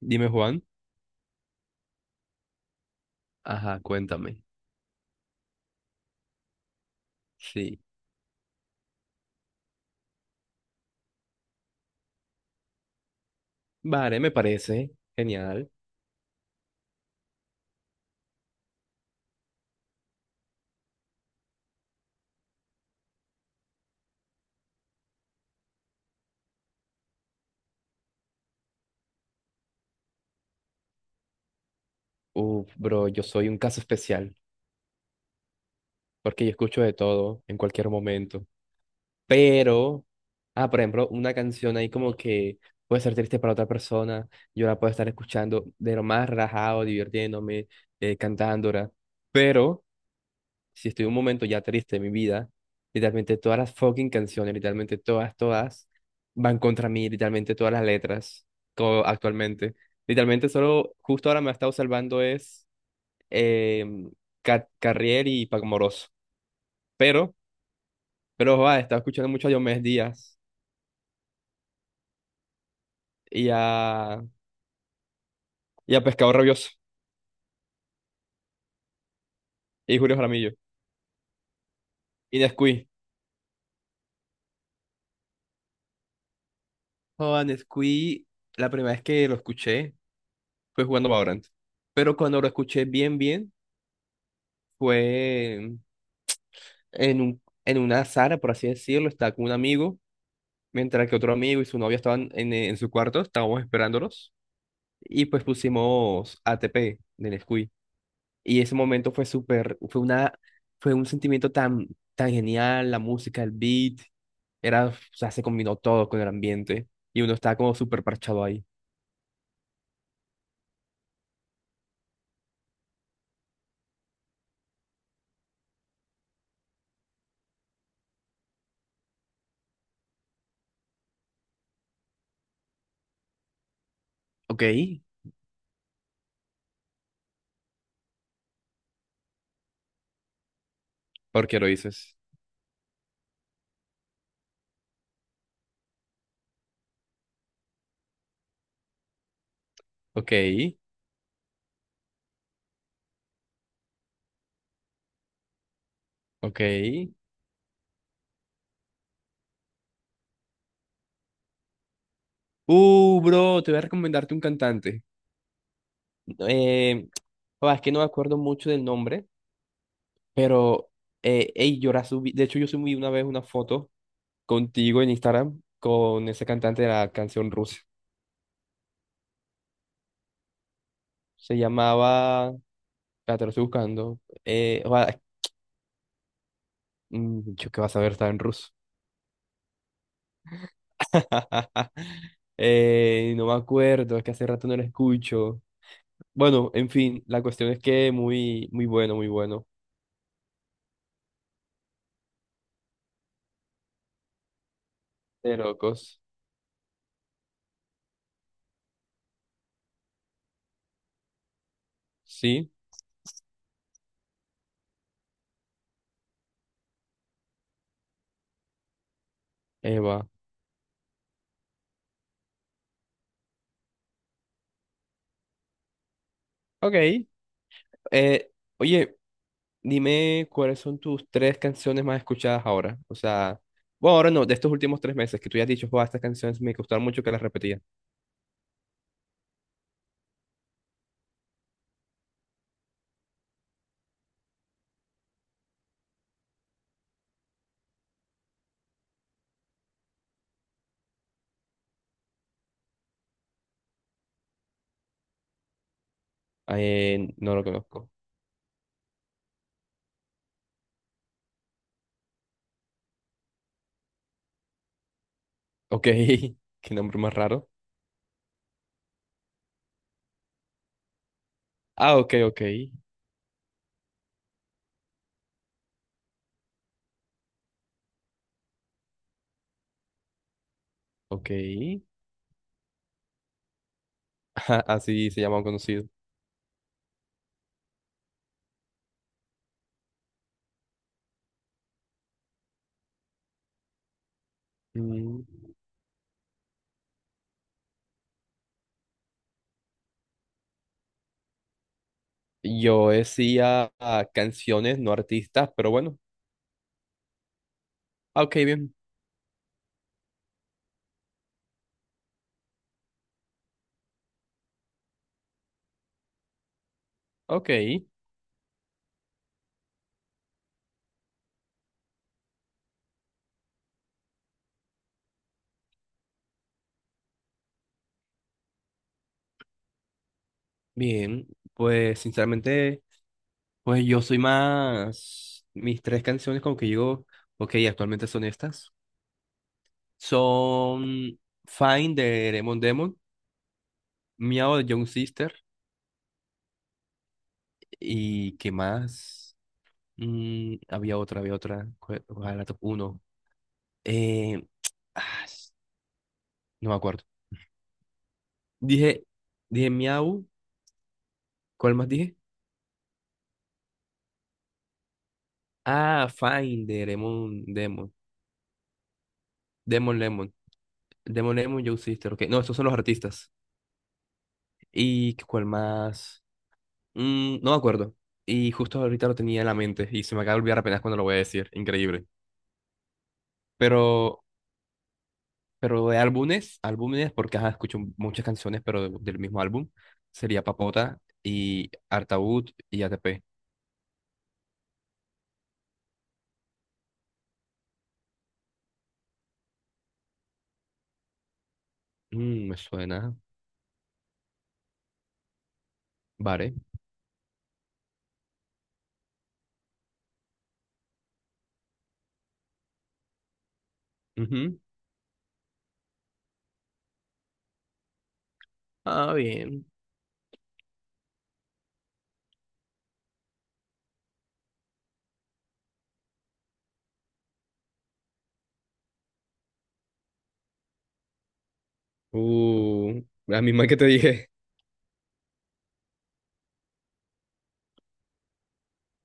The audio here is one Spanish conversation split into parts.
Dime, Juan. Ajá, cuéntame. Sí. Vale, me parece genial. Uf, bro, yo soy un caso especial porque yo escucho de todo en cualquier momento. Pero, por ejemplo, una canción ahí como que puede ser triste para otra persona. Yo la puedo estar escuchando de lo más relajado, divirtiéndome, cantándola. Pero si estoy en un momento ya triste de mi vida, literalmente todas las fucking canciones, literalmente todas, todas, van contra mí, literalmente todas las letras, actualmente. Literalmente solo, justo ahora me ha estado salvando es eh, Carrier y Paco Moroso. Pero, pero, va, he estado escuchando mucho a Diomedes Díaz y a, y a Pescado Rabioso y Julio Jaramillo y Nescuí. Joder, Nescuí, la primera vez que lo escuché fue jugando Valorant. Pero cuando lo escuché bien, bien, fue en una sala, por así decirlo, estaba con un amigo, mientras que otro amigo y su novia estaban en su cuarto, estábamos esperándolos, y pues pusimos ATP de Nesquik. Y ese momento fue súper, fue un sentimiento tan, tan genial, la música, el beat, era, o sea, se combinó todo con el ambiente, y uno estaba como súper parchado ahí. Ok, ¿por qué lo dices? Ok, ok. Bro, te voy a recomendarte un cantante. Eh, es que no me acuerdo mucho del nombre. Pero, ey, yo la subí. De hecho, yo subí una vez una foto contigo en Instagram con ese cantante de la canción rusa. Se llamaba. La te lo estoy buscando. Eh, va- yo qué vas a ver, estaba en ruso. No me acuerdo, es que hace rato no lo escucho. Bueno, en fin, la cuestión es que muy, muy bueno, muy bueno. De locos. Sí, Eva. Ok. Eh, oye. Dime cuáles son tus tres canciones más escuchadas ahora. O sea, bueno, ahora no, de estos últimos 3 meses que tú ya has dicho, "Joa, estas canciones me gustaron mucho que las repetía". No lo conozco. Ok, qué nombre más raro. Ah, ok, ok, ok. Ajá, así se llama un conocido. Mm, Yo decía canciones, no artistas, pero bueno. Ah, ok, bien. Ok, bien. Pues sinceramente, pues yo soy más... Mis tres canciones como que yo... Ok, actualmente son estas. Son Fine de Demon Demon, Miao de Young Sister y ¿qué más? Había otra, había otra. ¿Cuál era la top 1? Eh, ah, s- no me acuerdo. Dije, dije Miau, ¿cuál más dije? Ah, Fine de Demon Demon, Demon Lemon, Demon Lemon, Young Sister, ok. No, estos son los artistas. ¿Y cuál más? No me acuerdo. Y justo ahorita lo tenía en la mente y se me acaba de olvidar apenas cuando lo voy a decir. Increíble. Pero Pero de álbumes, álbumes, porque ajá, escucho muchas canciones, pero del mismo álbum, sería Papota y Artaud y ATP. Me suena. Vale. Ujú. Ah, bien. La misma que te dije.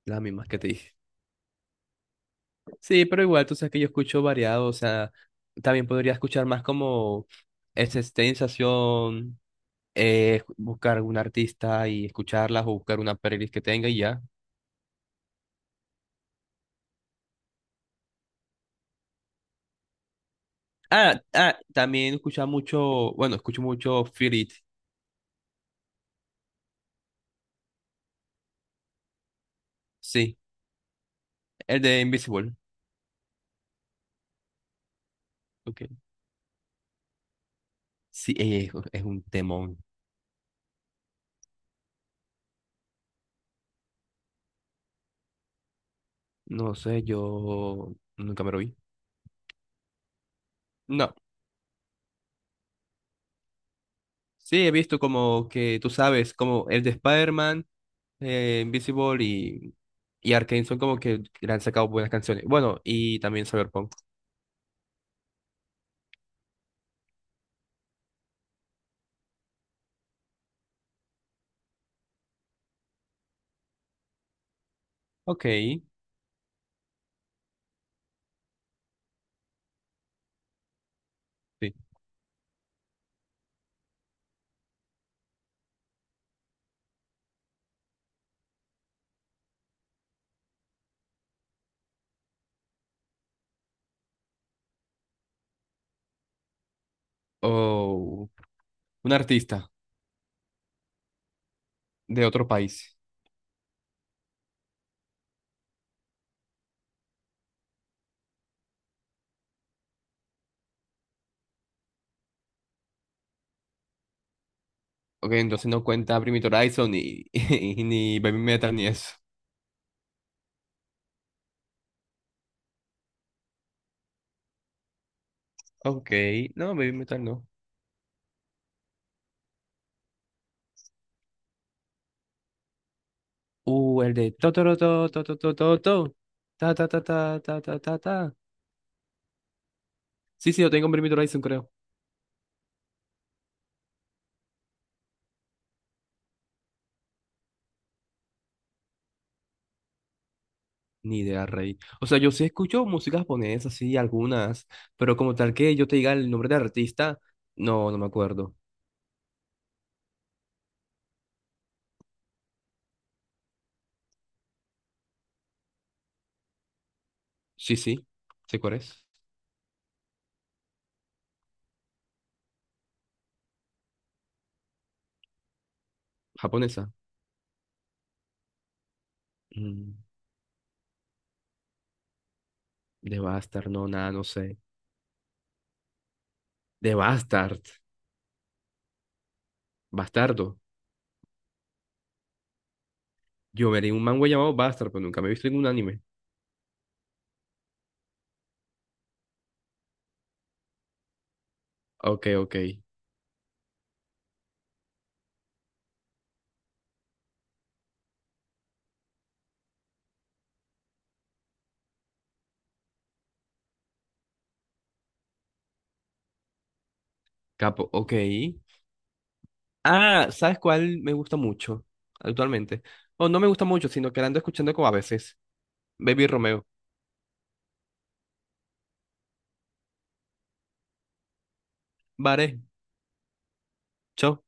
La misma que te dije. Sí, pero igual tú sabes que yo escucho variado, o sea, también podría escuchar más como esa sensación, buscar algún artista y escucharlas o buscar una playlist que tenga y ya. Ah, ah, también escuchaba mucho, bueno, escucho mucho Feel It, sí, el de Invisible. Okay. Sí, es un temón. No sé, yo nunca me lo vi. No, sí, he visto como que, tú sabes, como el de Spider-Man, Invisible y Arcane son como que le han sacado buenas canciones. Bueno, y también Cyberpunk. Ok, sí. O un artista de otro país. Ok, entonces no cuenta Primitive Horizon ni, ni Baby Metal ni eso. Ok, no, Baby Metal no. El de to, to, to, to, to, to, to, to, ta, ta, ta, ta, ta, ta, ta, ta. Sí, sí, yo tengo Bring Me the Horizon, creo. Ni idea, rey. O sea, yo sí escucho música japonesa, sí, algunas, pero como tal que yo te diga el nombre de artista, no, no me acuerdo. Sí, sí, sé cuál es. Japonesa. Mm, de Bastard, no, nada, no sé. De Bastard. Bastardo. Yo veré un manga llamado Bastard, pero nunca me he visto en un anime. Ok, ok. Capo, ok. Ah, ¿sabes cuál me gusta mucho actualmente? O no me gusta mucho, sino que la ando escuchando como a veces. Baby Romeo. Vale, chao.